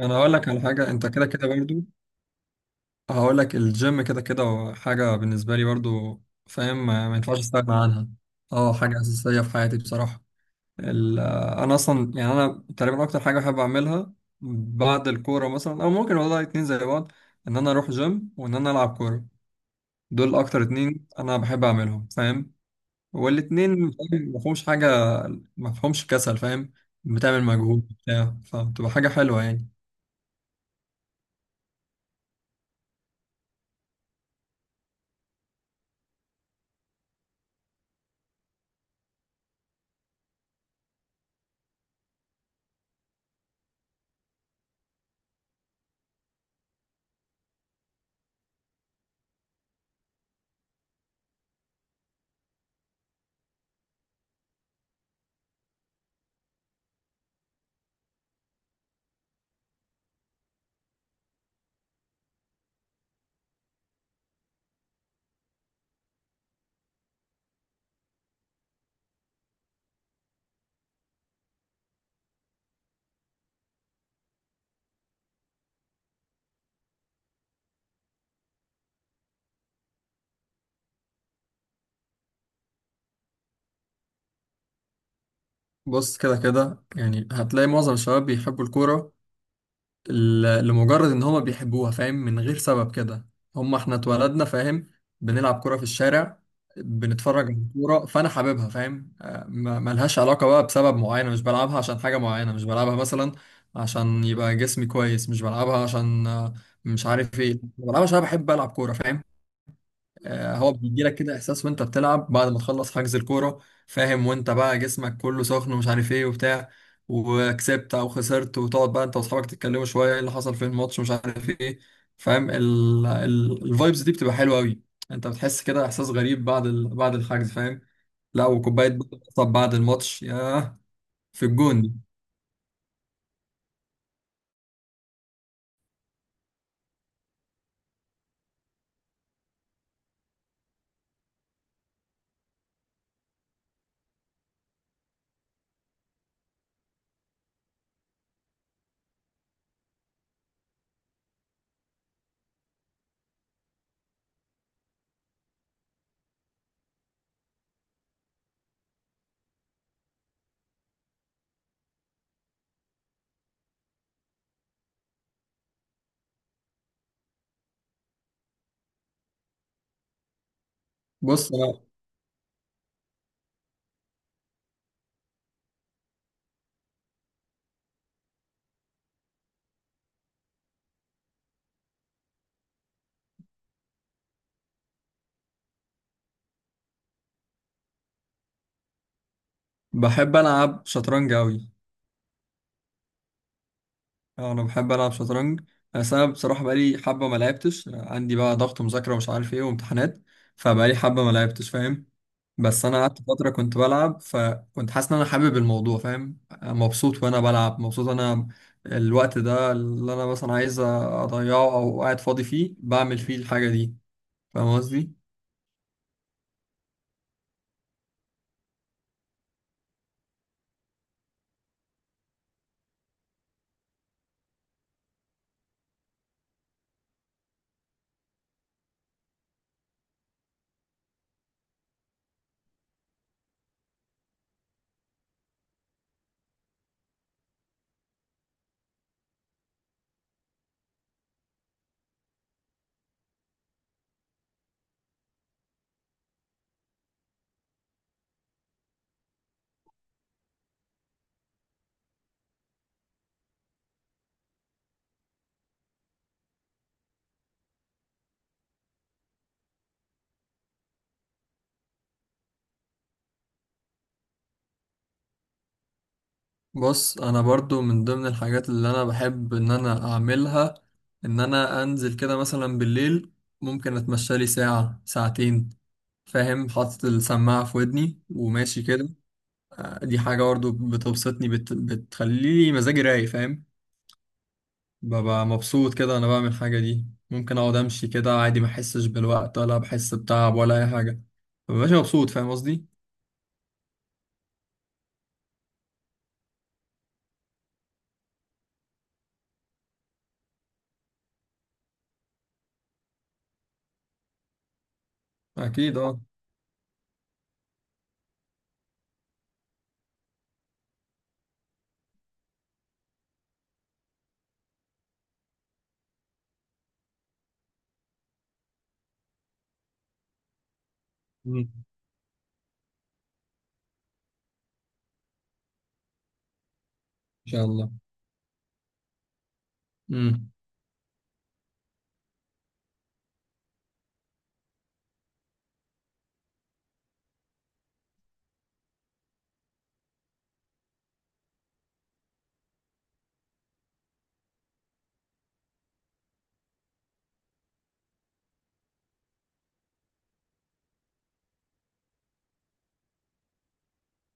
انا هقول لك على حاجه. انت كده كده برضو هقول لك الجيم كده كده هو حاجه بالنسبه لي برضو، فاهم؟ ما ينفعش استغنى عنها. اه، حاجه اساسيه في حياتي بصراحه. انا اصلا يعني انا تقريبا اكتر حاجه بحب اعملها بعد الكوره، مثلا، او ممكن والله اتنين زي بعض، ان انا اروح جيم وان انا العب كوره. دول اكتر اتنين انا بحب اعملهم، فاهم؟ والاتنين فاهم، ما فيهمش حاجه، ما فيهمش كسل، فاهم؟ بتعمل مجهود بتاع، فبتبقى حاجه حلوه يعني. بص كده كده يعني هتلاقي معظم الشباب بيحبوا الكورة لمجرد ان هما بيحبوها، فاهم؟ من غير سبب كده. هما احنا اتولدنا، فاهم؟ بنلعب كورة في الشارع، بنتفرج على الكورة، فانا حاببها، فاهم؟ ملهاش علاقة بقى بسبب معين. مش بلعبها عشان حاجة معينة. مش بلعبها مثلا عشان يبقى جسمي كويس. مش بلعبها عشان مش عارف ايه. بلعبها عشان انا بحب العب كورة، فاهم؟ هو بيجيلك كده احساس وانت بتلعب بعد ما تخلص حجز الكوره، فاهم؟ وانت بقى جسمك كله سخن ومش عارف ايه وبتاع، وكسبت او خسرت، وتقعد بقى انت واصحابك تتكلموا شويه ايه اللي حصل في الماتش ومش عارف ايه، فاهم؟ الفايبز دي بتبقى حلوه قوي. انت بتحس كده احساس غريب بعد بعد الحجز، فاهم؟ لا وكوبايه بقى طب بعد الماتش، ياه! في الجون دي. بص، انا بحب العب شطرنج قوي. انا بحب العب شطرنج، بس انا بصراحه بقالي حبه ما لعبتش. عندي بقى ضغط مذاكره ومش عارف ايه وامتحانات، فبقالي حبه ما لعبتش، فاهم؟ بس انا قعدت فتره كنت بلعب، فكنت حاسس ان انا حابب الموضوع، فاهم؟ مبسوط وانا بلعب. مبسوط انا الوقت ده اللي انا مثلا عايز اضيعه او قاعد فاضي فيه بعمل فيه الحاجه دي، فاهم قصدي؟ بص، انا برضو من ضمن الحاجات اللي انا بحب ان انا اعملها ان انا انزل كده مثلا بالليل، ممكن اتمشى لي ساعه ساعتين، فاهم؟ حاطط السماعة في ودني وماشي كده. دي حاجة برضه بتبسطني، بتخليلي مزاجي رايق، فاهم؟ ببقى مبسوط كده أنا بعمل الحاجة دي. ممكن أقعد أمشي كده عادي ما أحسش بالوقت ولا بحس بتعب ولا أي حاجة. مبقاش مبسوط، فاهم قصدي؟ أكيد، أه. إن شاء الله. مم.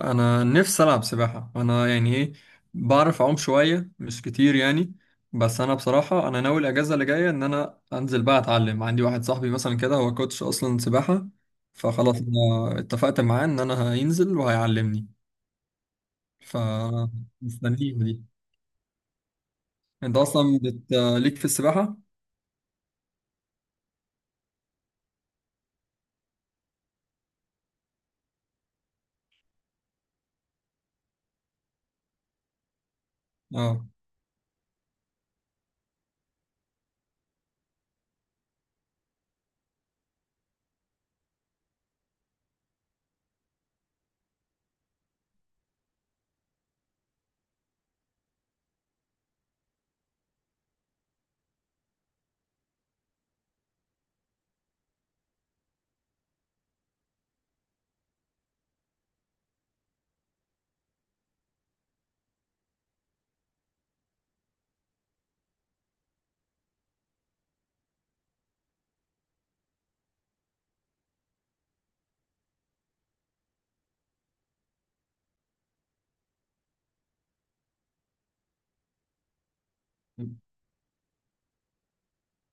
انا نفسي العب سباحه. انا يعني ايه، بعرف اعوم شويه مش كتير يعني. بس انا بصراحه انا ناوي الاجازه اللي جايه ان انا انزل بقى اتعلم. عندي واحد صاحبي مثلا كده هو كوتش اصلا سباحه، فخلاص انا اتفقت معاه ان انا هينزل وهيعلمني. ف مستنيه دي. انت اصلا ليك في السباحه؟ اه.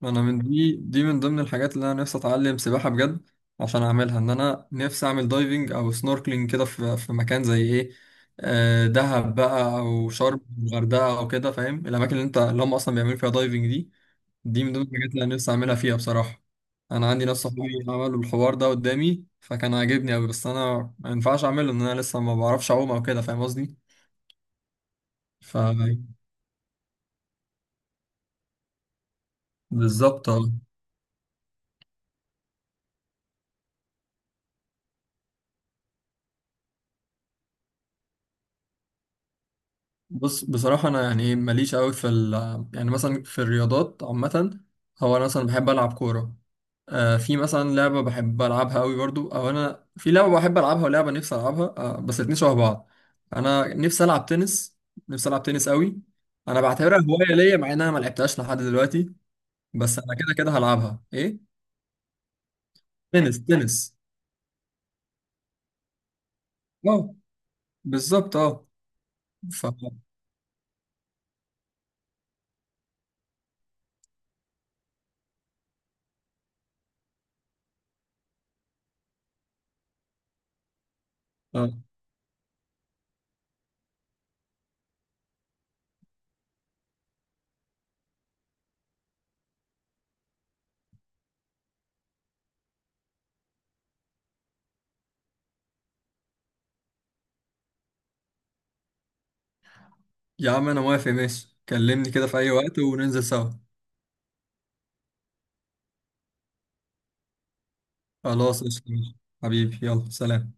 ما انا من دي دي من ضمن الحاجات اللي انا نفسي اتعلم سباحه بجد عشان اعملها. ان انا نفسي اعمل دايفنج او سنوركلينج كده في في مكان زي ايه، دهب بقى او شرم الغردقه او كده، فاهم؟ الاماكن اللي انت اللي هم اصلا بيعملوا فيها دايفنج دي، دي من ضمن الحاجات اللي انا نفسي اعملها فيها بصراحه. انا عندي ناس صحابي عملوا الحوار ده قدامي فكان عاجبني قوي، بس انا ما ينفعش اعمله ان انا لسه ما بعرفش اعوم او كده، فاهم قصدي؟ ف بالظبط. بص، بصراحة أنا يعني إيه، ماليش أوي في ال يعني مثلا في الرياضات عامة. هو أنا مثلا بحب ألعب كورة. آه، في مثلا لعبة بحب ألعبها أوي برضو. أو أنا في لعبة بحب ألعبها ولعبة نفسي ألعبها، آه، بس الاتنين شبه بعض. أنا نفسي ألعب تنس، نفسي ألعب تنس أوي. أنا بعتبرها هواية ليا مع إن أنا ملعبتهاش لحد دلوقتي، بس أنا كده كده هلعبها. إيه؟ تنس، تنس. أه، بالظبط، أه. ف آه. يا عم أنا موافق، ماشي، كلمني كده في أي وقت وننزل سوا. خلاص، قشطة. حبيبي، يلا، سلام.